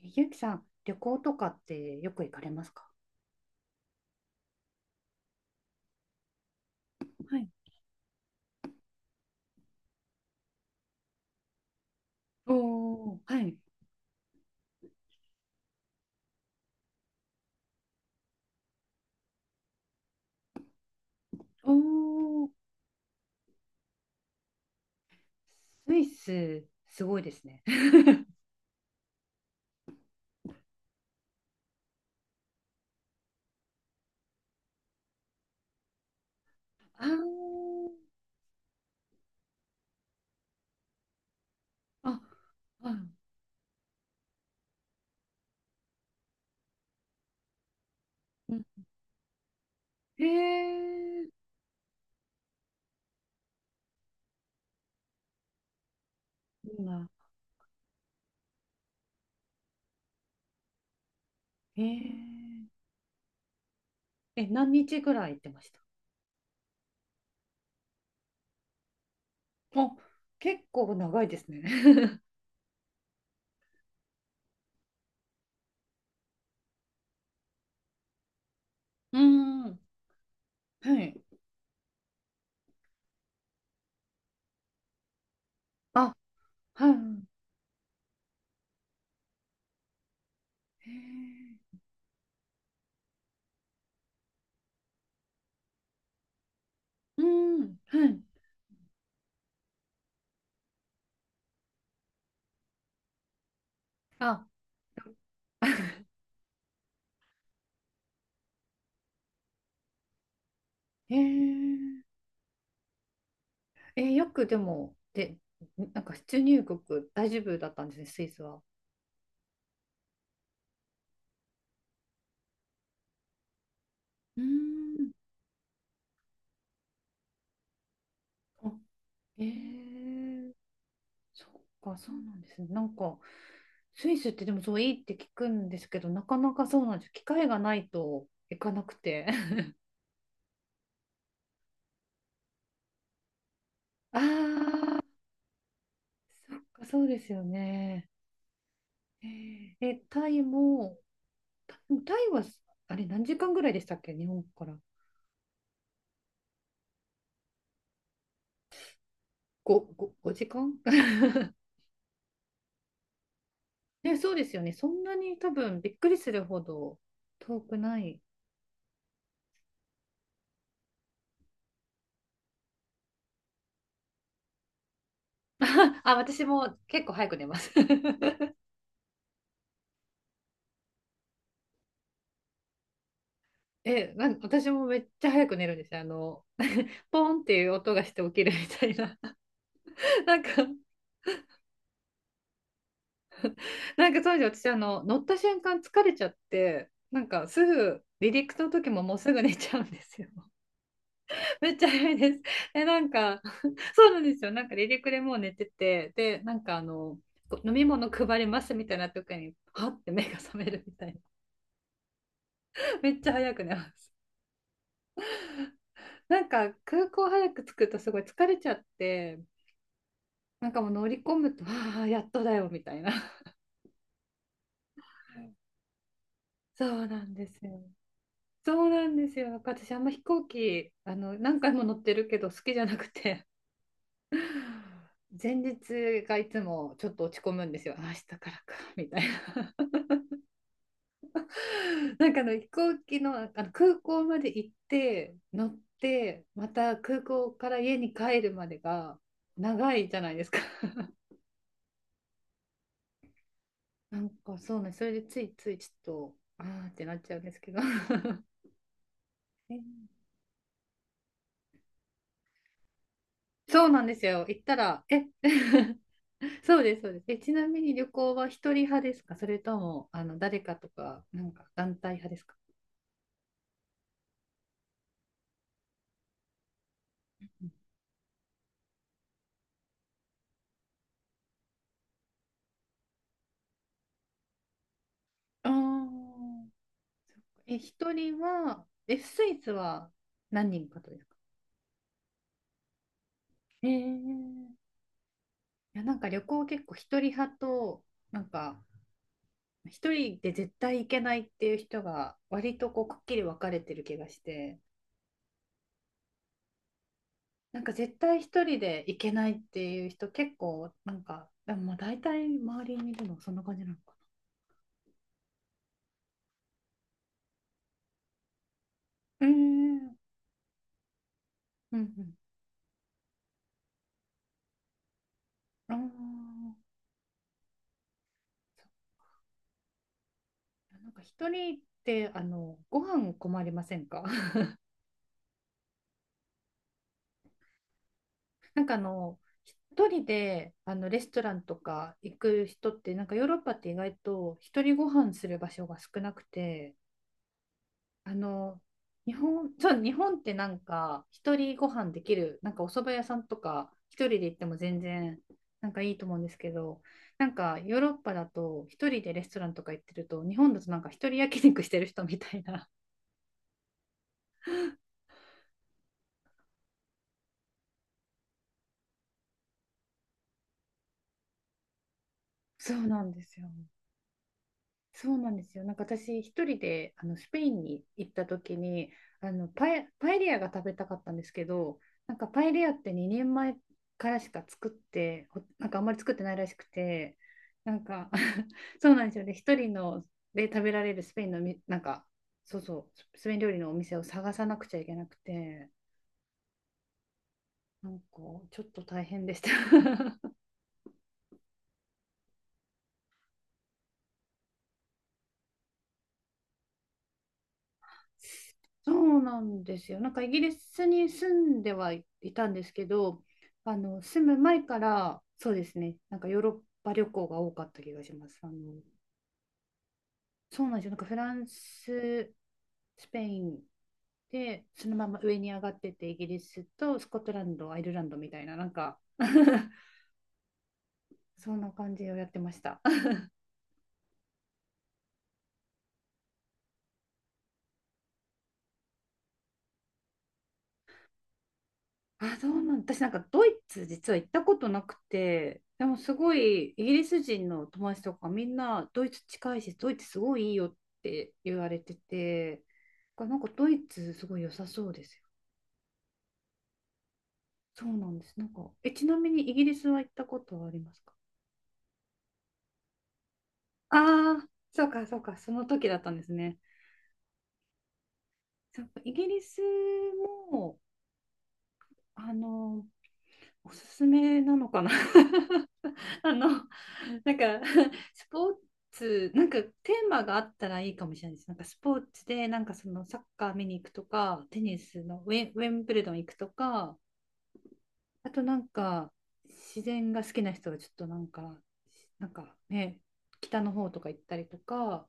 ゆうきさん、旅行とかってよく行かれますか？はい。おおー、はい。おお、スイス、すごいですね。あーあ、はい。うん。へえ、いいな。へえ。え、何日ぐらい行ってました？あ、結構長いですね。うーん。はい。あ、はい。へえ。うーん、はい。あ、へえ。えーよくでも、で、なんか出入国大丈夫だったんですね、スイスは。うーん。あ、えー、そっか、そうなんですね。なんか、スイスってでもそういいって聞くんですけど、なかなかそうなんですよ。機会がないと行かなくて。ああ、そっか、そうですよね。えーえ、タイも、タ、タイは、あれ、何時間ぐらいでしたっけ、日本から。5、ごご5時間。 ね、そうですよね。そんなに多分びっくりするほど遠くない。あ、私も結構早く寝ます。え、なん私もめっちゃ早く寝るんですよ。あの、ポンっていう音がして起きるみたいな。なんか、なんか当時私、あの、乗った瞬間疲れちゃって、なんかすぐ離陸の時ももうすぐ寝ちゃうんですよ。めっちゃ早いです。え、なんか、そうなんですよ。なんか離陸でもう寝てて、で、なんかあの、こう飲み物配りますみたいな時に、はって目が覚めるみたいな。めっちゃ早く寝ます。なんか空港早く着くとすごい疲れちゃって、なんかもう乗り込むと、ああ、やっとだよみたいな。そうなんですよ。そうなんですよ。なんか私あんま飛行機、あの、何回も乗ってるけど好きじゃなくて、前日がいつもちょっと落ち込むんですよ。あ明日からか、みたいな。なんかあの飛行機の、あの空港まで行って、乗って、また空港から家に帰るまでが長いじゃないですか。なんかそうね、それでついついちょっと、あーってなっちゃうんですけど。えそうなんですよ。行ったら、え。 そうです、そうです。え、ちなみに旅行は一人派ですか？それとも、あの、誰かとか、なんか団体派ですか？ああ。ーえ、一人は、え、スイスは何人かとですか？えー、いや、なんか旅行結構一人派と、なんか、一人で絶対行けないっていう人が、割とこう、くっきり分かれてる気がして。なんか絶対一人で行けないっていう人結構なんか、でもまあ大体周りにいるのはそんな感じなのかな。うーん。うんうん。ああ、そうなんか一人ってあのご飯困りませんか？ なんかあの一人であのレストランとか行く人ってなんかヨーロッパって意外と一人ご飯する場所が少なくて、あの、日本、そう、日本ってなんか、一人ご飯できる、なんかお蕎麦屋さんとか、一人で行っても全然、なんかいいと思うんですけど、なんかヨーロッパだと、一人でレストランとか行ってると、日本だとなんか一人焼肉してる人みたいな。そうなんですよ。そうなんですよ。なんか私一人であのスペインに行った時に、あのパエ、パエリアが食べたかったんですけど、なんかパエリアって2年前からしか作ってほなんかあんまり作ってないらしくて、なんか そうなんですよね一人ので食べられるスペインのみなんか、そうそうスペイン料理のお店を探さなくちゃいけなくて、なんかちょっと大変でした。 そうなんですよ。なんかイギリスに住んではいたんですけど、あの住む前からそうですね、なんかヨーロッパ旅行が多かった気がします。あの、そうなんですよ。なんかフランス、スペインで、そのまま上に上がってて、イギリスとスコットランド、アイルランドみたいな、なんか そんな感じをやってました。あ、そうなん私なんかドイツ実は行ったことなくて、でもすごいイギリス人の友達とかみんなドイツ近いし、ドイツすごいいいよって言われてて、なんかドイツすごい良さそうですよ。そうなんです。なんか、え、ちなみにイギリスは行ったことはありますか？ああ。ー、そうかそうか、その時だったんですね。そうか、イギリスも、あの、おすすめなのかな。 あの、なんか、スポーツ、なんかテーマがあったらいいかもしれないです。なんかスポーツで、なんかそのサッカー見に行くとか、テニスのウェン、ウェンブルドン行くとか、あとなんか、自然が好きな人はちょっとなんか、なんかね、北の方とか行ったりとか、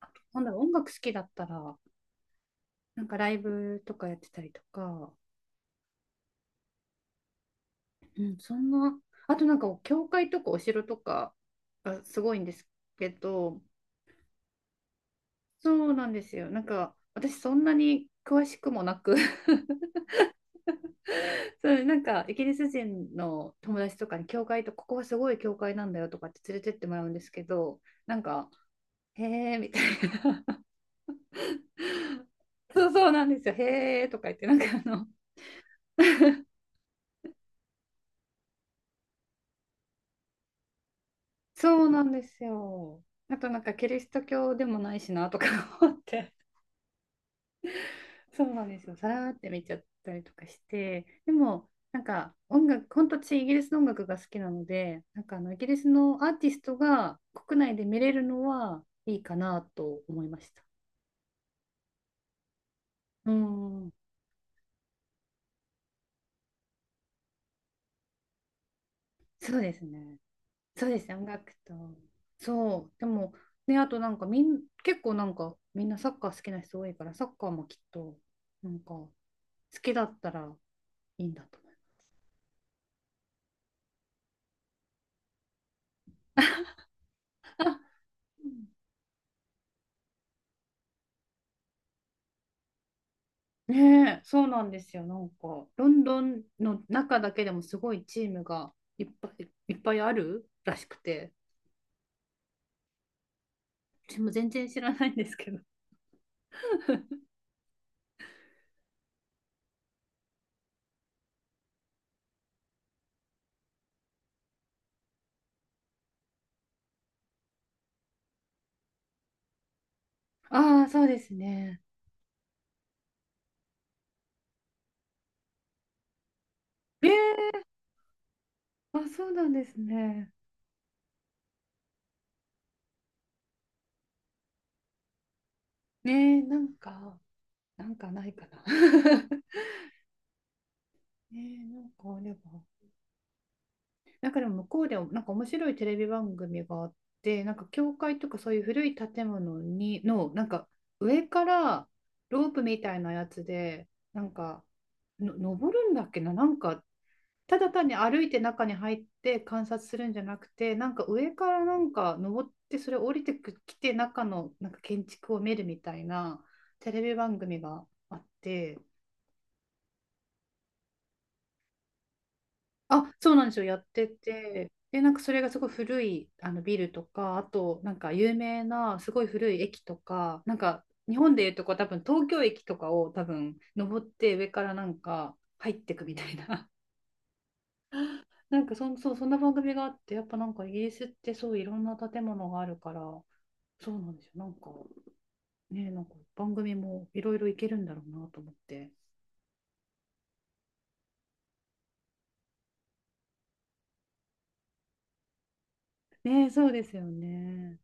あとなんだろう、音楽好きだったら、なんかライブとかやってたりとか、うん、そんな、あとなんか、教会とかお城とかがすごいんですけど、そうなんですよ。なんか私そんなに詳しくもなく。 そうなんかイギリス人の友達とかに教会とここはすごい教会なんだよとかって連れてってもらうんですけど、なんかへえみたいな。 そうそうなんですよへえとか言ってなんかあの、そうなんですよ、あとなんかキリスト教でもないしなとか思って、そうなんですよ。さらーって見ちゃったりとかして、でも、なんか音楽、本当私イギリスの音楽が好きなので、なんかあのイギリスのアーティストが国内で見れるのはいいかなと思いました。うん、そうですね。そうですね、音楽と。そう、でも、ね、あとなんかみん、結構なんかみんなサッカー好きな人多いから、サッカーもきっと、なんか好きだったらいいんだと思います。あ、ねえ、そうなんですよ。なんか、ロンドンの中だけでもすごいチームがいっぱいいっぱいあるらしくて、私も全然知らないんですけど。ああ、そうですね。ええ、あ、そうなんですね。ねえ、なんか、なんかないかな。ねえ、なんかあれば。なんかでも向こうでもなんか面白いテレビ番組があって、なんか教会とかそういう古い建物にのなんか上からロープみたいなやつでなんかの登るんだっけな、なんかただ単に歩いて中に入って観察するんじゃなくて、なんか上からなんか登ってそれ降りてきて中のなんか建築を見るみたいなテレビ番組があって。あ、そうなんですよ。やってて。で、なんかそれがすごい古いあのビルとか、あとなんか有名なすごい古い駅とか、なんか日本でいうとこう多分東京駅とかを多分登って上からなんか入ってくみたいな。なんかそん、そう、そんな番組があって、やっぱなんかイギリスってそういろんな建物があるから、そうなんですよ。なんかね、なんか番組もいろいろいけるんだろうなと思って。ね、そうですよね。